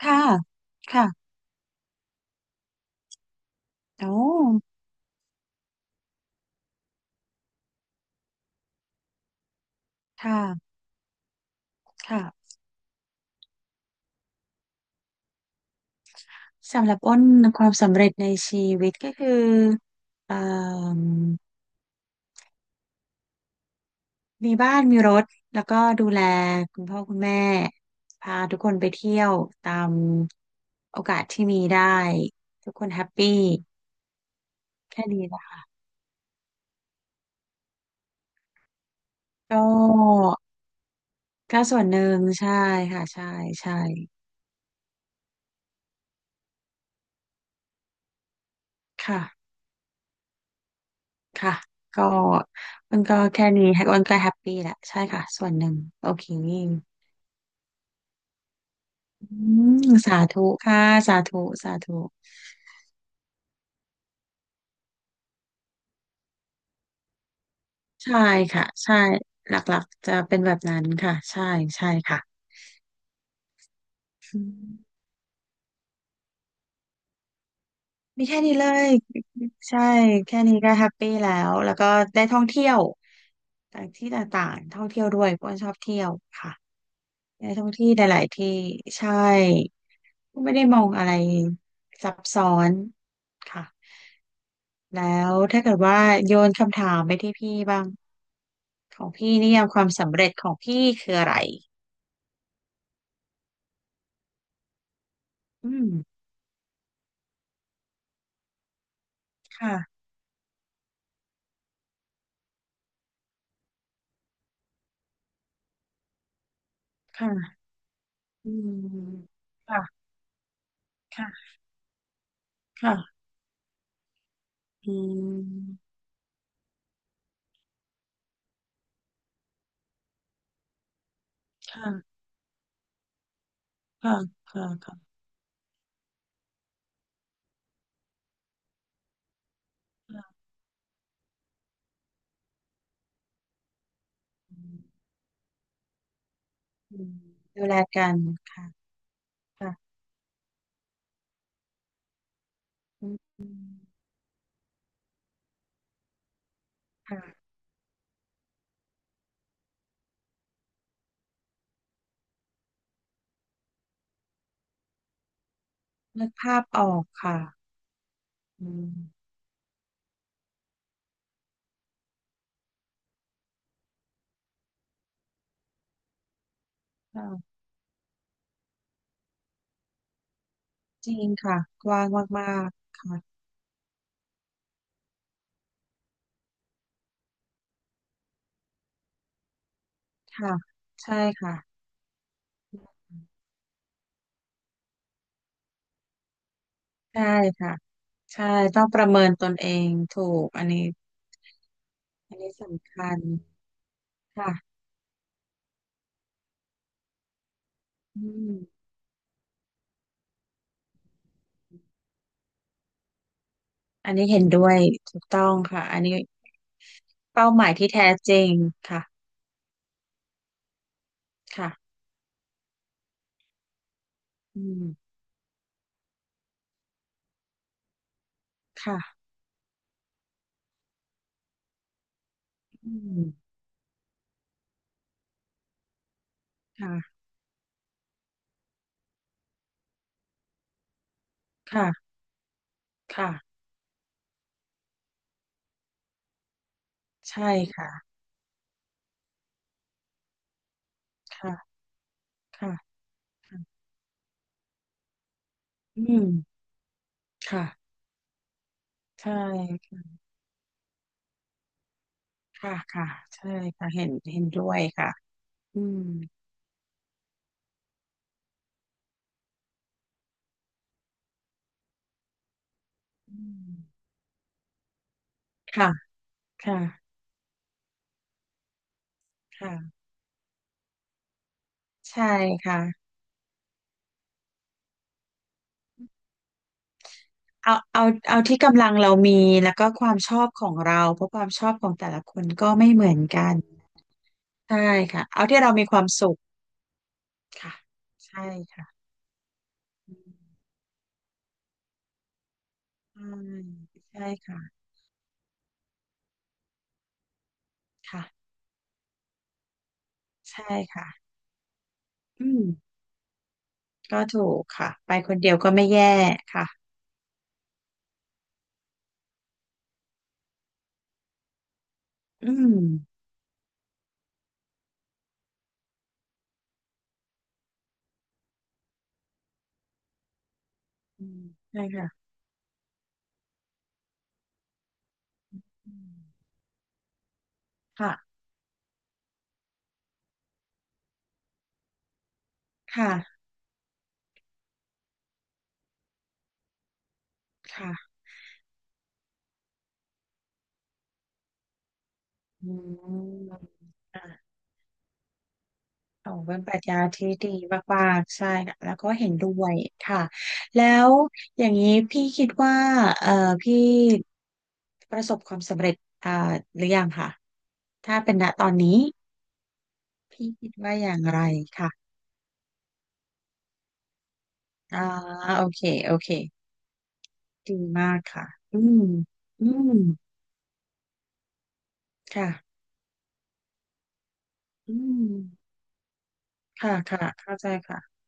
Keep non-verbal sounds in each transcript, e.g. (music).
ค่ะค่ะโอ้ค่ะค่ะ สำหรับอ้นความสำเร็จในชีวิตก็คือเอ่มมีบ้านมีรถแล้วก็ดูแลคุณพ่อคุณแม่พาทุกคนไปเที่ยวตามโอกาสที่มีได้ทุกคนแฮปปี้แค่นี้นะคะก็ก็ส่วนหนึ่งใช่ค่ะใช่ใช่ค่ะค่ะก็มันก็แค่นี้อ้นก็แฮปปี้แหละใช่ค่ะส่วนหนึ่งโอเค อืมสาธุค่ะสาธุสาธุใช่ค่ะใช่หลักๆจะเป็นแบบนั้นค่ะใช่ใช่ค่ะอืมมีแค่นี้เลยใช่แค่นี้ก็แฮปปี้แล้วแล้วก็ได้ท่องเที่ยวต่างที่ต่างๆท่องเที่ยวด้วยเพราะว่าชอบเที่ยวค่ะได้ท่องที่หลายๆที่ใช่ไม่ได้มองอะไรซับซ้อนค่ะแล้วถ้าเกิดว่าโยนคำถามไปที่พี่บ้างของพี่นิยามความสำเร็จของพี่คืออะไร อืมค่ะค่ะอืมค่ะค่ะค่ะอืมค่ะค่ะค่ะค่ะค่ะอืมอืมดูแลกันค่ะค่ะอืมอืมค่ะนึกภาพออกค่ะอืมค่ะจริงค่ะกว้างมากๆค่ะค่ะใช่ค่ะใช่ค่ะใช่ต้องประเมินตนเอง ถูกอันนี้อันนี้สำคัญค่ะอืม อันนี้เห็นด้วยถูกต้องค่ะอันนี้เป้าหมายที่แท้จริงค่ะค่ะอืมค่ะอืมค่ะค่ะค่ะใช่ค่ะค่ะค่ะค่ะอืมค่ะใช่ค่ะค่ะใช่ค่ะเห็นด้วยค่ะอืมอืมค่ะค่ะค่ะใช่ค่ะเอาเอาเอาที่กำลังเรามีแล้วก็ความชอบของเราเพราะความชอบของแต่ละคนก็ไม่เหมือนกันใช่ค่ะเอาที่เรามีความสุข ค่ะใช่ค่ะอืมใช่ใช่ค่ะค่ะใช่ค่ะอืมก็ถูกค่ะไปคนเดียวก็ไม่แย่ค่ะอืมอืมใช่ค่ะอืมค่ะค่ะค่ะอืมอ่ะโอ้เป็นปรัชญาที่ดีมากๆใช่ค่ะแล้วก็เห็นด้วยค่ะแล้วอย่างนี้พี่คิดว่าเอ่อพี่ประสบความสำเร็จอ่าหรือยังค่ะถ้าเป็นณตอนนี้พี่คิดว่าอย่างไรค่ะ อ่าโอเคโอเคดีมากค่ะอืมอืมค่ะอืมค่ะค่ะเข้าใจค่ะ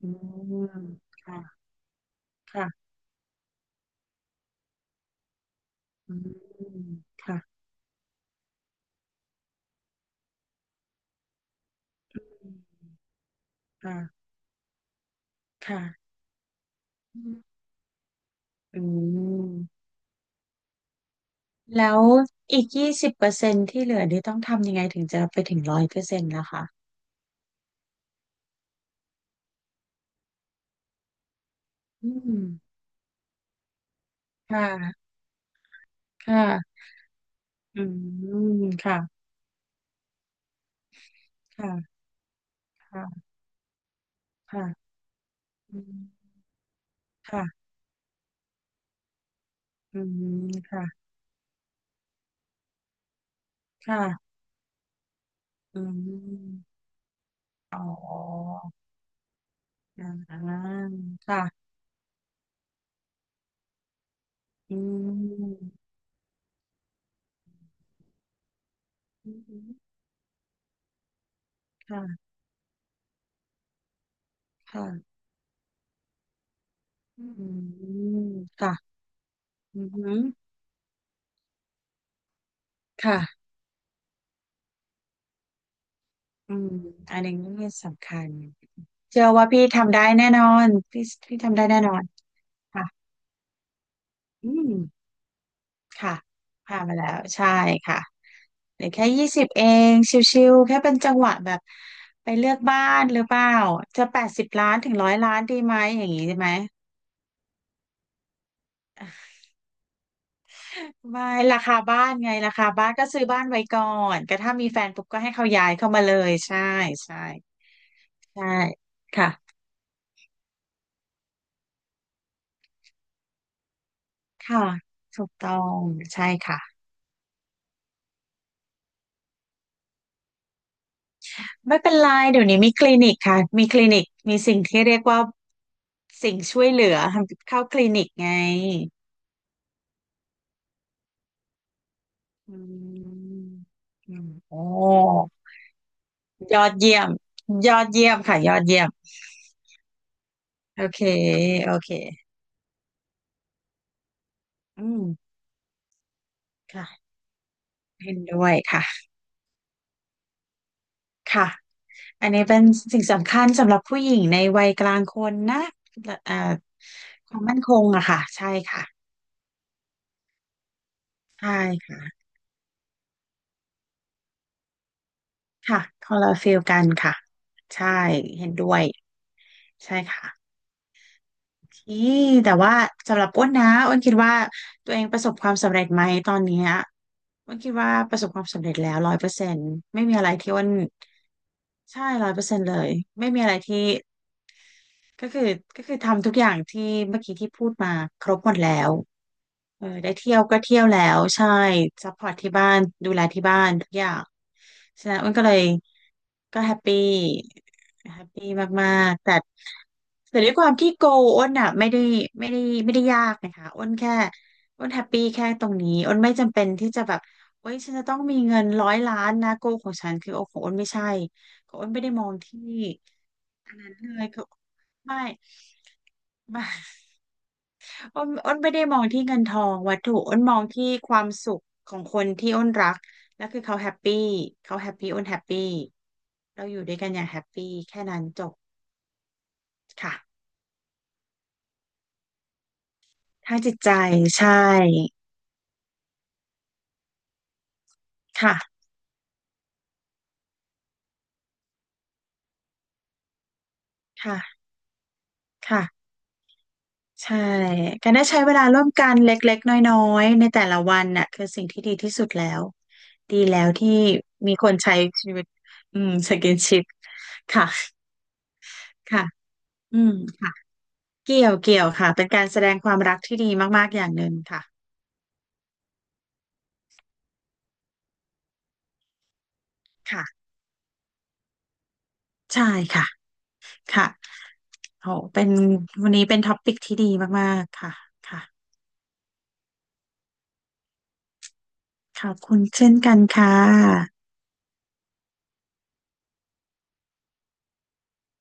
อืมค่ะค่ะอืมค่ะค่ะค่ะอืมแล้วอีก20%ที่เหลือนี่ต้องทำยังไงถึงจะไปถึงร้อยเปอร์เซ็นต์นะคะอืมค่ะค่ะอืมค่ะค่ะค่ะค่ะอืมค่ะอืมค่ะค่ะอืม อ๋ออ่าค่ะอืมอืมค่ะค่ะอืมค่ะอืมค่ะอืมอันนี้สำคัญเชื่อว่าพี่ทำได้แน่นอนพี่พี่ทำได้แน่นอนค่ะอืมค่ะผ่านมาแล้ว ใช่ค่ะเหลือแค่ยี่สิบเอง ชิวๆ แค่เป็นจังหวะแบบไปเลือกบ้านหรือเปล่า จะ80 ล้านถึงร้อยล้านดีไหมอย่างนี้ใช่ไหม ไม่ราคาบ้านไงราคาบ้านก็ซื้อบ้านไว้ก่อนก็ถ้ามีแฟนปุ๊บก็ให้เขาย้ายเข้ามาเลยใช่ใช่ใช่ค่ะค่ะถูกต้องใช่ค่ะไม่เป็นไรเดี๋ยวนี้มีคลินิกค่ะมีคลินิกมีสิ่งที่เรียกว่าสิ่งช่วยเหลือทำเข้าคลินิกไงอืมอืมโอ้ยอดเยี่ยมยอดเยี่ยมค่ะยอดเยี่ยมโอเคโอเคอืมค่ะเห็นด้วยค่ะ ค่ะ อันนี้เป็นสิ่งสำคัญสำหรับผู้หญิงในวัยกลางคนนะเอ่อความมั่นคงอะค่ะใช่ค่ะใช่ค่ะค่ะคนละฟีลกันค่ะใช่เห็นด้วยใช่ค่ะที่แต่ว่าสำหรับอ้นนะอ้นคิดว่าตัวเองประสบความสำเร็จไหมตอนเนี้ยอ้นคิดว่าประสบความสำเร็จแล้วร้อยเปอร์เซ็นต์ไม่มีอะไรที่อ้นใช่ร้อยเปอร์เซ็นต์เลยไม่มีอะไรที่ ก็คือก็คือทำทุกอย่างที่เมื่อกี้ที่พูดมาครบหมดแล้วเออได้เที่ยวก็เที่ยวแล้วใช่ซัพพอร์ตที่บ้านดูแลที่บ้านทุกอย่างฉะนั้นอ้วนก็เลยก็แฮปปี้แฮปปี้มากๆแต่แต่ด้วยความที่โกอ้วนอ่ะไม่ได้ไม่ได้ไม่ได้ยากนะคะอ้วนแค่อ้วนแฮปปี้แค่ตรงนี้อ้วนไม่จำเป็นที่จะแบบเฮ้ยฉันจะต้องมีเงินร้อยล้านนะโกของฉันคือโอของอ้วนไม่ใช่ของอ้วนไม่ได้มองที่ เลยคือไม่ไม่ (laughs) อ้นไม่ได้มองที่เงินทองวัตถุอ้นมองที่ความสุขของคนที่อ้นรักแล้วคือเขาแฮปปี้เขาแฮปปี้อ้นแฮปปี้เราอยู่ด้วยกันอย่างแฮปปี้แค่นั้นจบค่ะทางจิตใจใช่ค่ะค่ะค่ะใช่การได้ใช้เวลาร่วมกันเล็กๆน้อยๆในแต่ละวันน่ะคือสิ่งที่ดีที่สุดแล้วดีแล้วที่มีคนใช้ชีวิตอืมสกินชิปค่ะค่ะอืมค่ะ เกี่ยวเกี่ยวค่ะ เป็นการแสดงความรักที่ดีมากๆ อย่างหนึ่งค่ะ ค่ะ ใช่ค่ะค่ะโอ้เป็นวันนี้เป็นท็อปิกที่ดีมากๆ ค่ะค่ะขอบคุณเช่นกันค่ะ